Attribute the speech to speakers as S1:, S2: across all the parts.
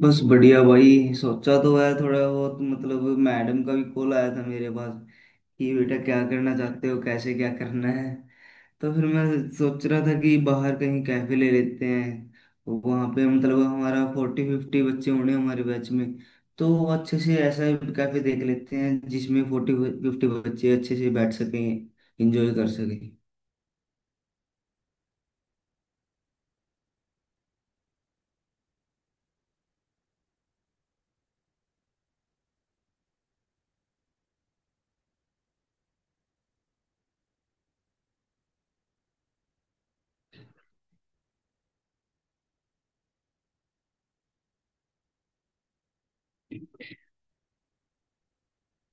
S1: बस बढ़िया भाई, सोचा तो है थोड़ा बहुत मतलब। मैडम का भी कॉल आया था मेरे पास कि बेटा क्या करना चाहते हो, कैसे क्या करना है। तो फिर मैं सोच रहा था कि बाहर कहीं कैफे ले लेते हैं। वहाँ पे मतलब हमारा 40-50 बच्चे होने हमारे बैच में, तो अच्छे से ऐसा कैफे देख लेते हैं जिसमें 40-50 बच्चे अच्छे से बैठ सकें, एंजॉय कर सकें।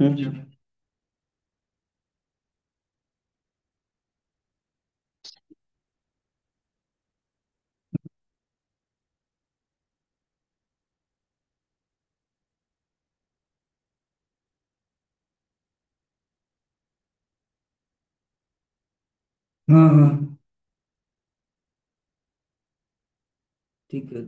S1: हम्म। हाँ हाँ। ठीक है।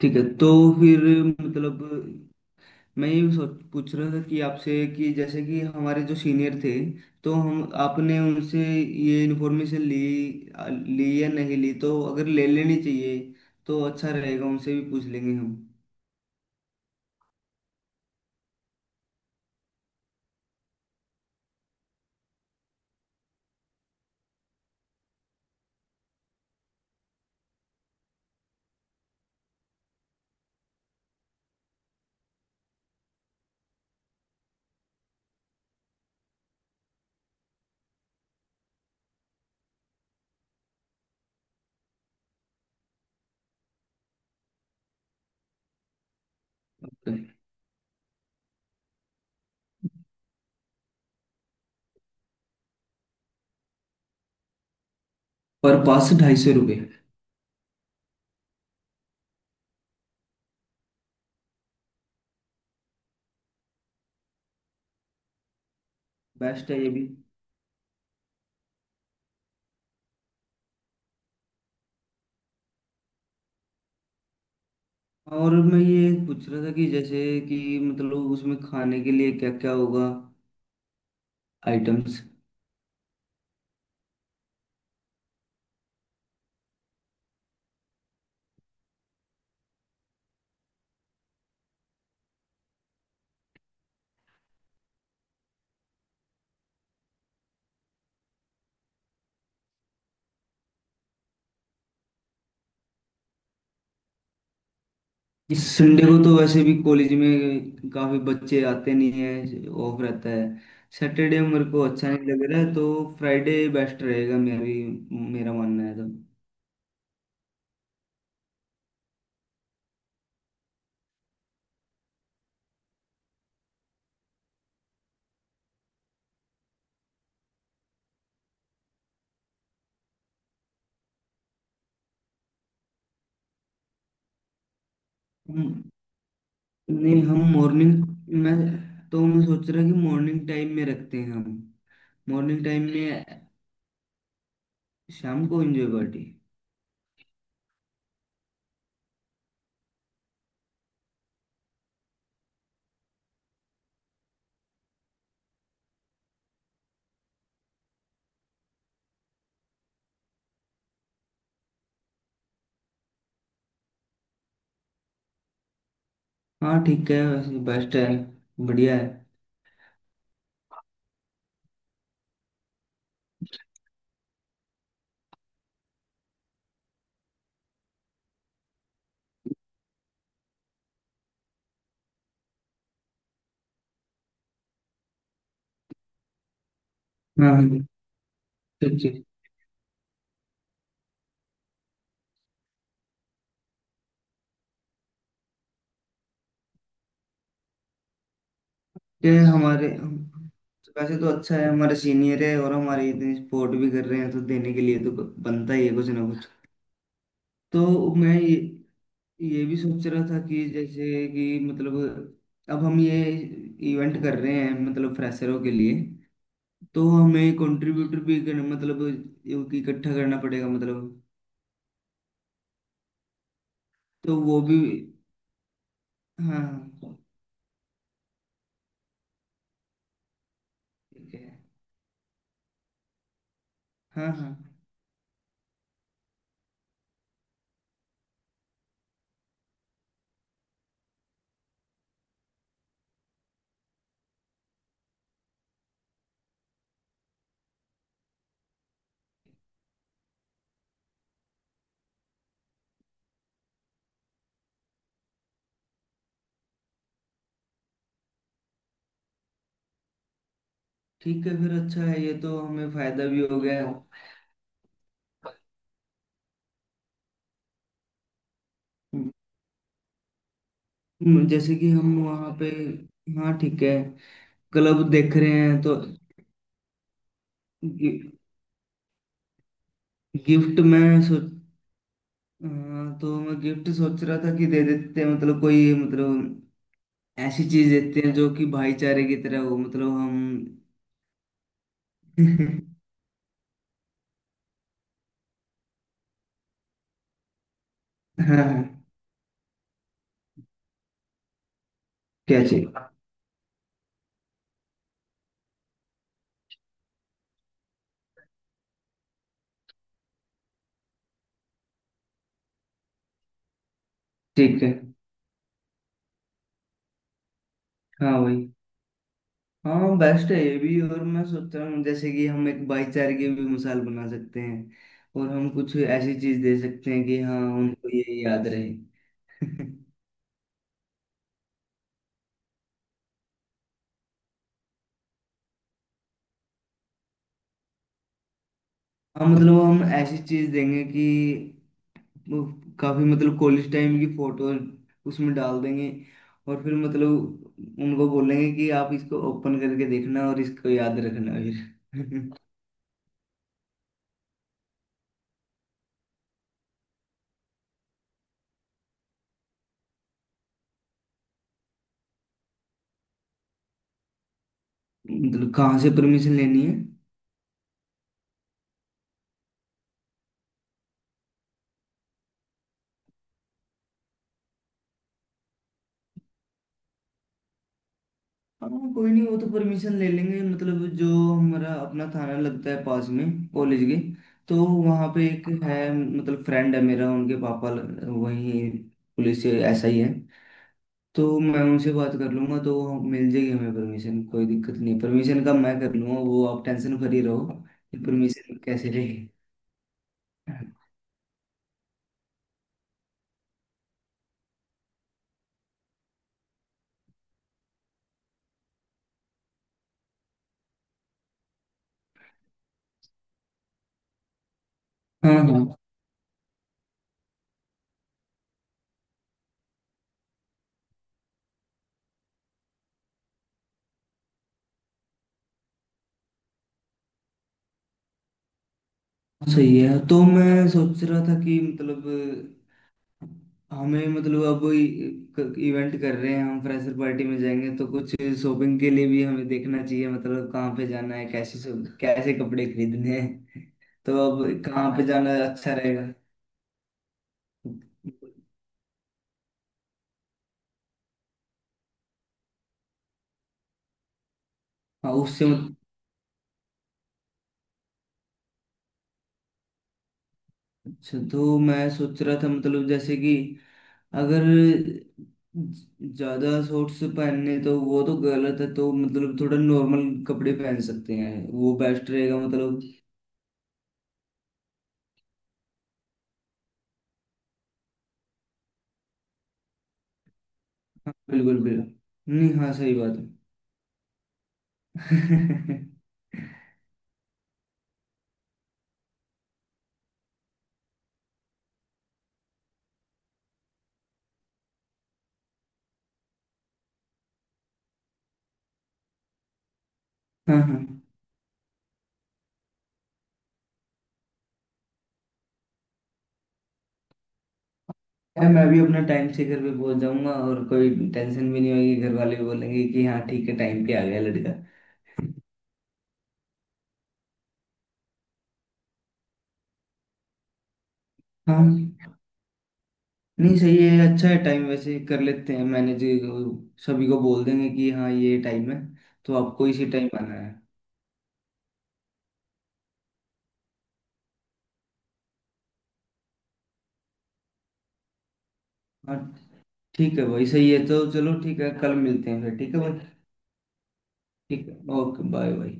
S1: ठीक है, तो फिर मतलब मैं ये सोच पूछ रहा था कि आपसे, कि जैसे कि हमारे जो सीनियर थे, तो हम आपने उनसे ये इन्फॉर्मेशन ली, ली या नहीं ली, तो अगर ले लेनी चाहिए तो अच्छा रहेगा, उनसे भी पूछ लेंगे हम। पर पास 250 रुपये? बेस्ट है ये भी। और मैं ये पूछ रहा था कि जैसे कि मतलब उसमें खाने के लिए क्या क्या होगा, आइटम्स। इस संडे को तो वैसे भी कॉलेज में काफी बच्चे आते नहीं है, ऑफ रहता है। सैटरडे मेरे को अच्छा नहीं लग रहा है, तो फ्राइडे बेस्ट रहेगा, मेरी मेरा मानना है तो। हम- नहीं, हम मॉर्निंग, मैं तो मैं सोच रहा कि मॉर्निंग टाइम में रखते हैं हम। मॉर्निंग टाइम में, शाम को एंजॉय पार्टी। हाँ ठीक है, वैसे बेस्ट है, बढ़िया है। हाँ हाँ, ठीक है। ये हमारे हम- वैसे तो अच्छा है, हमारे सीनियर है और हमारे इतनी सपोर्ट भी कर रहे हैं, तो देने के लिए तो बनता ही है कुछ ना कुछ। तो मैं ये भी सोच रहा था कि जैसे कि मतलब अब हम ये इवेंट कर रहे हैं, मतलब फ्रेशरों के लिए, तो हमें कंट्रीब्यूटर भी करना, मतलब यो कि इकट्ठा करना पड़ेगा, मतलब तो वो भी। हाँ हाँ। ठीक है। हाँ हाँ ठीक है, फिर अच्छा है, ये तो हमें फायदा भी हो गया। जैसे कि हम वहाँ पे, हाँ ठीक है, क्लब देख रहे हैं तो। गि, गिफ्ट में सोच हाँ, तो मैं गिफ्ट सोच रहा था कि दे देते हैं, मतलब कोई मतलब ऐसी चीज देते हैं जो कि भाईचारे की तरह हो, मतलब हम। हाँ हाँ, क्या चाहिए? ठीक है। हाँ वही। हाँ बेस्ट है ये भी, और मैं सोच रहा हूँ जैसे कि हम एक भाईचारे की भी मिसाल बना सकते हैं, और हम कुछ ऐसी चीज दे सकते हैं कि हाँ, उनको ये याद रहे। हाँ, मतलब हम ऐसी चीज देंगे कि वो काफी मतलब कॉलेज टाइम की फोटो उसमें डाल देंगे, और फिर मतलब उनको बोलेंगे कि आप इसको ओपन करके देखना और इसको याद रखना फिर। मतलब कहाँ से परमिशन लेनी है? हाँ कोई नहीं, वो तो परमिशन ले लेंगे, मतलब जो हमारा अपना थाना लगता है पास में कॉलेज के, तो वहाँ पे एक है, मतलब फ्रेंड है मेरा, उनके पापा वही पुलिस एसआई है। तो मैं उनसे बात कर लूंगा, तो वो मिल जाएगी हमें परमिशन, कोई दिक्कत नहीं, परमिशन का मैं कर लूंगा वो, आप टेंशन फ्री रहो कि परमिशन कैसे लेगी। हाँ हाँ सही है, तो मैं सोच रहा था कि मतलब हमें मतलब अब इवेंट कर रहे हैं हम, फ्रेशर पार्टी में जाएंगे तो कुछ शॉपिंग के लिए भी हमें देखना चाहिए, मतलब कहाँ पे जाना है, कैसे कैसे कपड़े खरीदने हैं। तो अब कहाँ पे जाना अच्छा रहेगा? हाँ उससे अच्छा, तो मैं सोच रहा था मतलब जैसे कि अगर ज्यादा शॉर्ट्स पहनने तो वो तो गलत है, तो मतलब थोड़ा नॉर्मल कपड़े पहन सकते हैं, वो बेस्ट रहेगा मतलब। हाँ, बिल्कुल बिल्कुल नहीं, हाँ सही बात है। हाँ हाँ, यार, मैं भी अपना टाइम से घर पे पहुंच जाऊंगा और कोई टेंशन भी नहीं होगी, घर वाले भी बोलेंगे कि हाँ ठीक है, टाइम पे आ गया लड़का। हाँ, नहीं सही है, अच्छा है टाइम, वैसे कर लेते हैं मैनेज, सभी को बोल देंगे कि हाँ ये टाइम है, तो आपको इसी टाइम आना है। हाँ ठीक है भाई, सही है, तो चलो ठीक है, कल मिलते हैं फिर, ठीक है भाई। ठीक है, ओके बाय बाय।